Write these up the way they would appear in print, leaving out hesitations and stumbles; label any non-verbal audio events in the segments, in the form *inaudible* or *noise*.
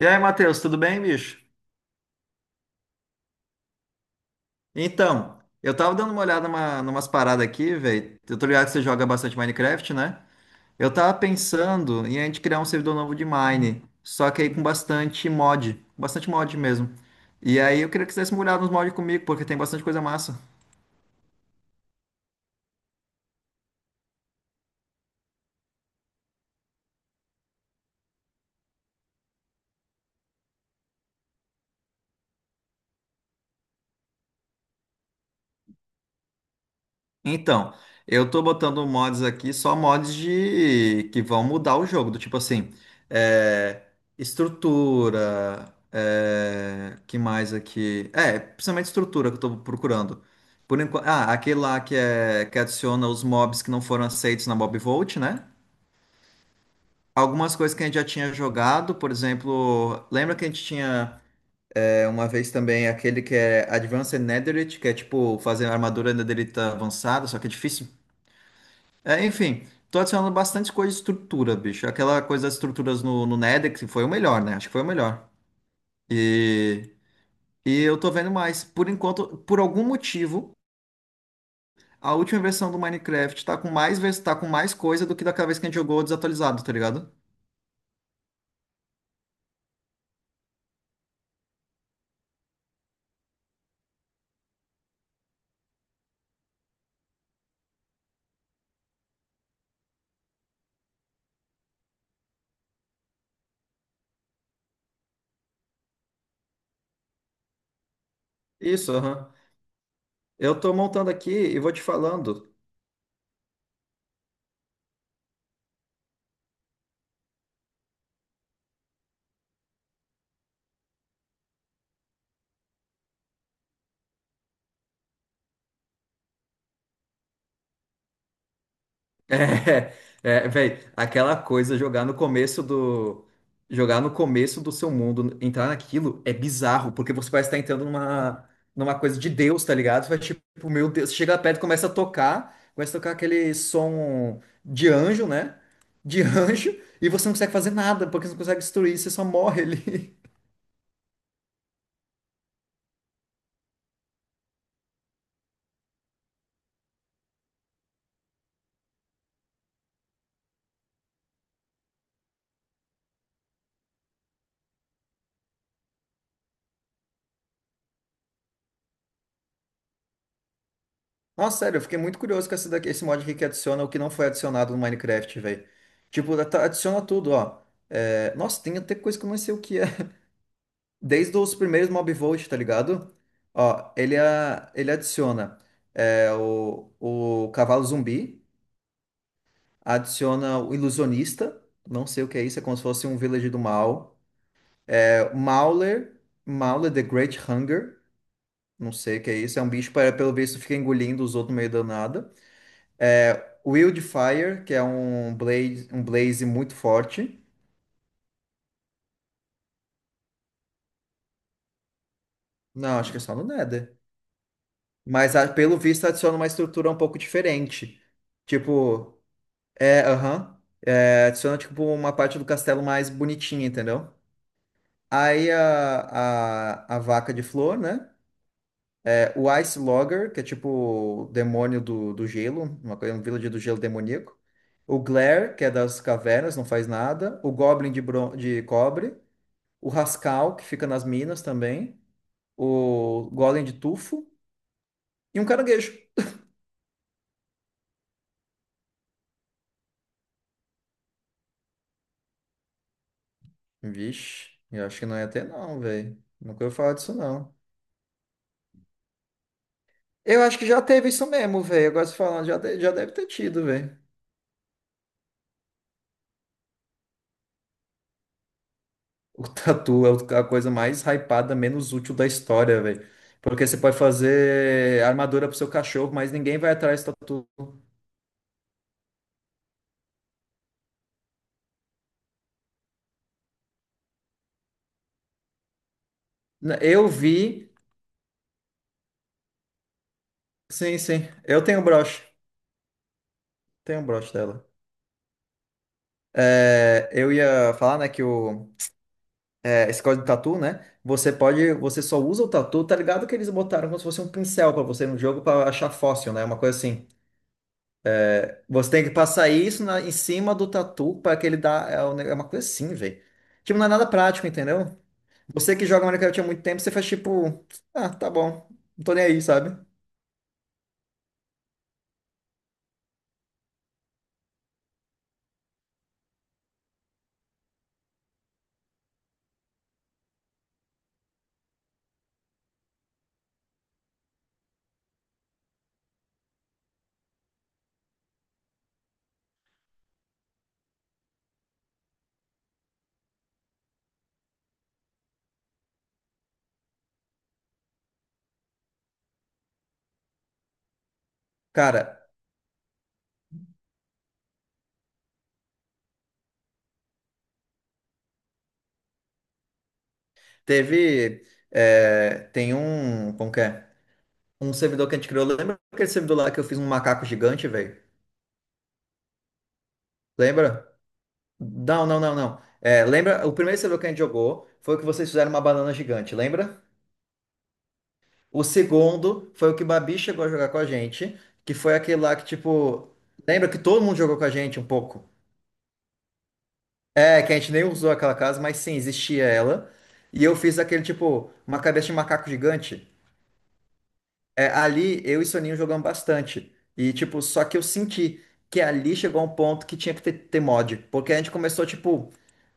E aí, Matheus, tudo bem, bicho? Então, eu tava dando uma olhada numas paradas aqui, velho. Eu tô ligado que você joga bastante Minecraft, né? Eu tava pensando em a gente criar um servidor novo de Mine, só que aí com bastante mod mesmo. E aí eu queria que você desse uma olhada nos mods comigo, porque tem bastante coisa massa. Então, eu tô botando mods aqui, só mods de que vão mudar o jogo, do tipo assim, é, estrutura, que mais aqui? É, principalmente estrutura que eu tô procurando. Por enquanto, aquele lá que é que adiciona os mobs que não foram aceitos na Mob Vault, né? Algumas coisas que a gente já tinha jogado, por exemplo, lembra que a gente tinha uma vez também aquele que é Advanced Netherite, que é tipo fazer armadura netherita avançada, só que é difícil. É, enfim, tô adicionando bastante coisa de estrutura, bicho. Aquela coisa das estruturas no Nedex foi o melhor, né? Acho que foi o melhor. E, e eu tô vendo mais. Por enquanto, por algum motivo, a última versão do Minecraft tá com mais, tá com mais coisa do que daquela vez que a gente jogou desatualizado, tá ligado? Isso, aham. Eu tô montando aqui e vou te falando. *laughs* É, é, velho, aquela coisa jogar no começo do jogar no começo do seu mundo, entrar naquilo é bizarro, porque você parece estar entrando numa numa coisa de Deus, tá ligado? Você vai tipo, meu Deus, você chega perto, e começa a tocar aquele som de anjo, né? De *laughs* anjo, e você não consegue fazer nada, porque você não consegue destruir, você só morre ali. *laughs* Nossa, sério, eu fiquei muito curioso com esse, daqui, esse mod aqui que adiciona o que não foi adicionado no Minecraft, velho. Tipo, adiciona tudo, ó. É, nossa, tem até coisa que eu não sei o que é. Desde os primeiros Mobvolt, tá ligado? Ó, ele adiciona o cavalo zumbi, adiciona o ilusionista, não sei o que é isso, é como se fosse um villager do mal. É, Mauler, Mauler the Great Hunger, não sei o que é isso, é um bicho que pelo visto fica engolindo os outros no meio do nada. É, Wildfire, que é um blaze muito forte. Não, acho que é só no Nether. Mas ah, pelo visto adiciona uma estrutura um pouco diferente. Tipo, é, aham. É, adiciona, tipo, uma parte do castelo mais bonitinha, entendeu? Aí a vaca de flor, né? É, o Ice Logger, que é tipo o demônio do gelo, uma coisa, um villager do gelo demoníaco. O Glare, que é das cavernas, não faz nada. O Goblin de, bron de cobre. O Rascal, que fica nas minas também. O Golem de tufo. E um caranguejo. Vixe, eu acho que não ia ter, não, velho. Nunca ouvi falar disso, não. Eu acho que já teve isso mesmo, velho. Agora se falando, já, de- já deve ter tido, velho. O tatu é a coisa mais hypada, menos útil da história, velho. Porque você pode fazer armadura pro seu cachorro, mas ninguém vai atrás do tatu. Eu vi. Sim, sim. Eu tenho um broche. Tenho um broche dela. É, eu ia falar, né, é, esse código de tatu, né? Você pode. Você só usa o tatu, tá ligado? Que eles botaram como se fosse um pincel pra você no jogo pra achar fóssil, né? Uma coisa assim. Você tem que passar isso em cima do tatu para que ele dá. É um é uma coisa assim, velho. Tipo, não é nada prático, entendeu? Você que joga Minecraft há muito tempo, você faz tipo, ah, tá bom, não tô nem aí, sabe? Cara, teve. É, tem um. Como que é? Um servidor que a gente criou. Lembra aquele servidor lá que eu fiz um macaco gigante, velho? Lembra? Não, não, não, não. É, lembra? O primeiro servidor que a gente jogou foi o que vocês fizeram uma banana gigante, lembra? O segundo foi o que o Babi chegou a jogar com a gente, que foi aquele lá que, tipo, lembra que todo mundo jogou com a gente um pouco? É, que a gente nem usou aquela casa, mas sim, existia ela. E eu fiz aquele, tipo, uma cabeça de macaco gigante. É, ali eu e Soninho jogamos bastante. E, tipo, só que eu senti que ali chegou a um ponto que tinha que ter mod. Porque a gente começou, tipo,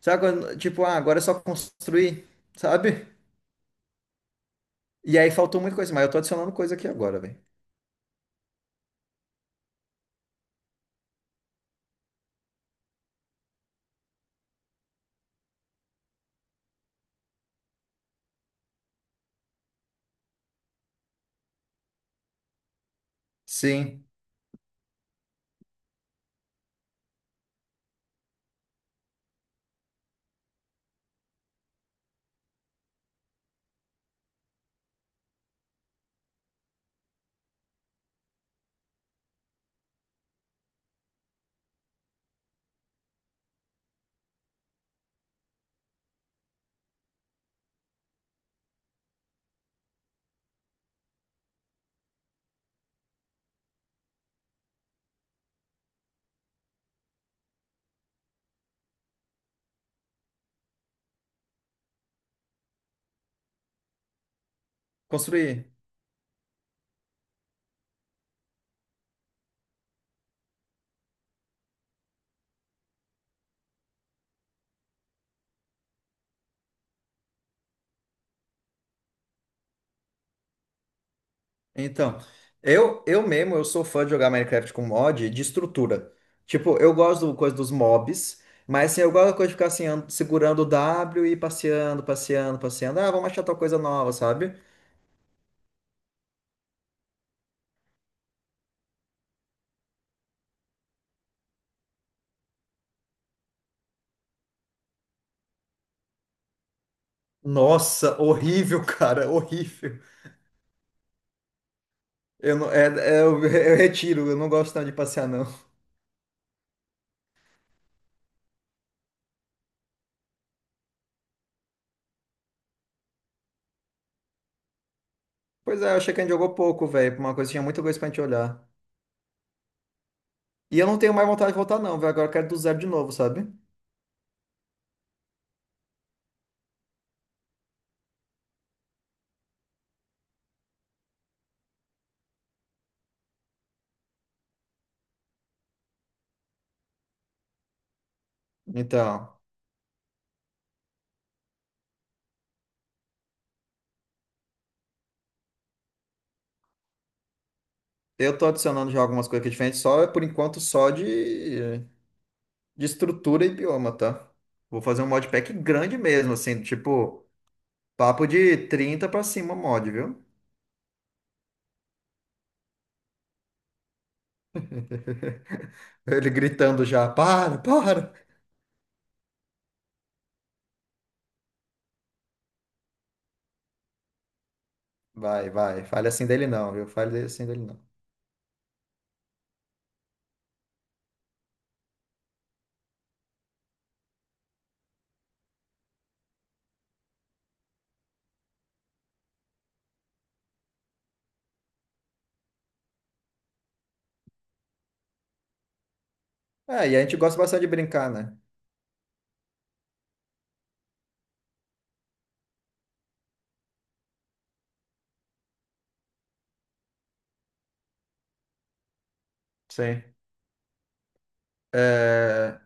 sabe, tipo, ah, agora é só construir, sabe? E aí faltou muita coisa, mas eu tô adicionando coisa aqui agora, velho. Sim, construir. Então, eu mesmo, eu sou fã de jogar Minecraft com mod de estrutura. Tipo, eu gosto do coisa dos mobs, mas assim, eu gosto da coisa de ficar assim, segurando o W e passeando, passeando, passeando. Ah, vamos achar tal coisa nova, sabe? Nossa, *laughs* horrível, cara, horrível. Eu não, é, é, eu, *laughs* eu retiro, eu não gosto tanto de passear, não. Pois é, eu achei que a gente jogou pouco, velho, pra uma coisa, que tinha muita coisa pra gente olhar. E eu não tenho mais vontade de voltar, não, velho, agora eu quero do zero de novo, sabe? Então. Eu tô adicionando já algumas coisas aqui diferentes, só por enquanto só de estrutura e bioma, tá? Vou fazer um modpack grande mesmo, assim, tipo, papo de 30 pra cima mod, viu? *laughs* Ele gritando já, para, para! Vai, vai, fale assim dele não, viu? Fale assim dele não. É, e a gente gosta bastante de brincar, né? Sim. É,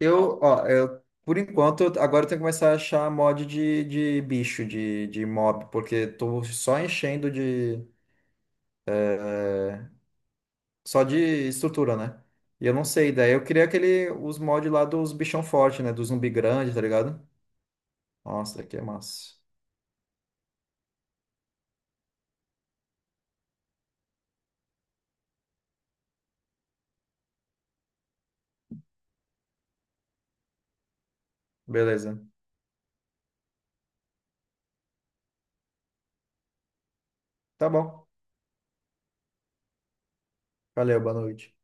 eu, ó, eu, por enquanto, eu- agora eu tenho que começar a achar mod de bicho, de mob, porque tô só enchendo de. Só de estrutura, né? E eu não sei, daí eu queria aquele, os mods lá dos bichão forte, né? Do zumbi grande, tá ligado? Nossa, que massa. Beleza. Tá bom. Valeu, boa noite.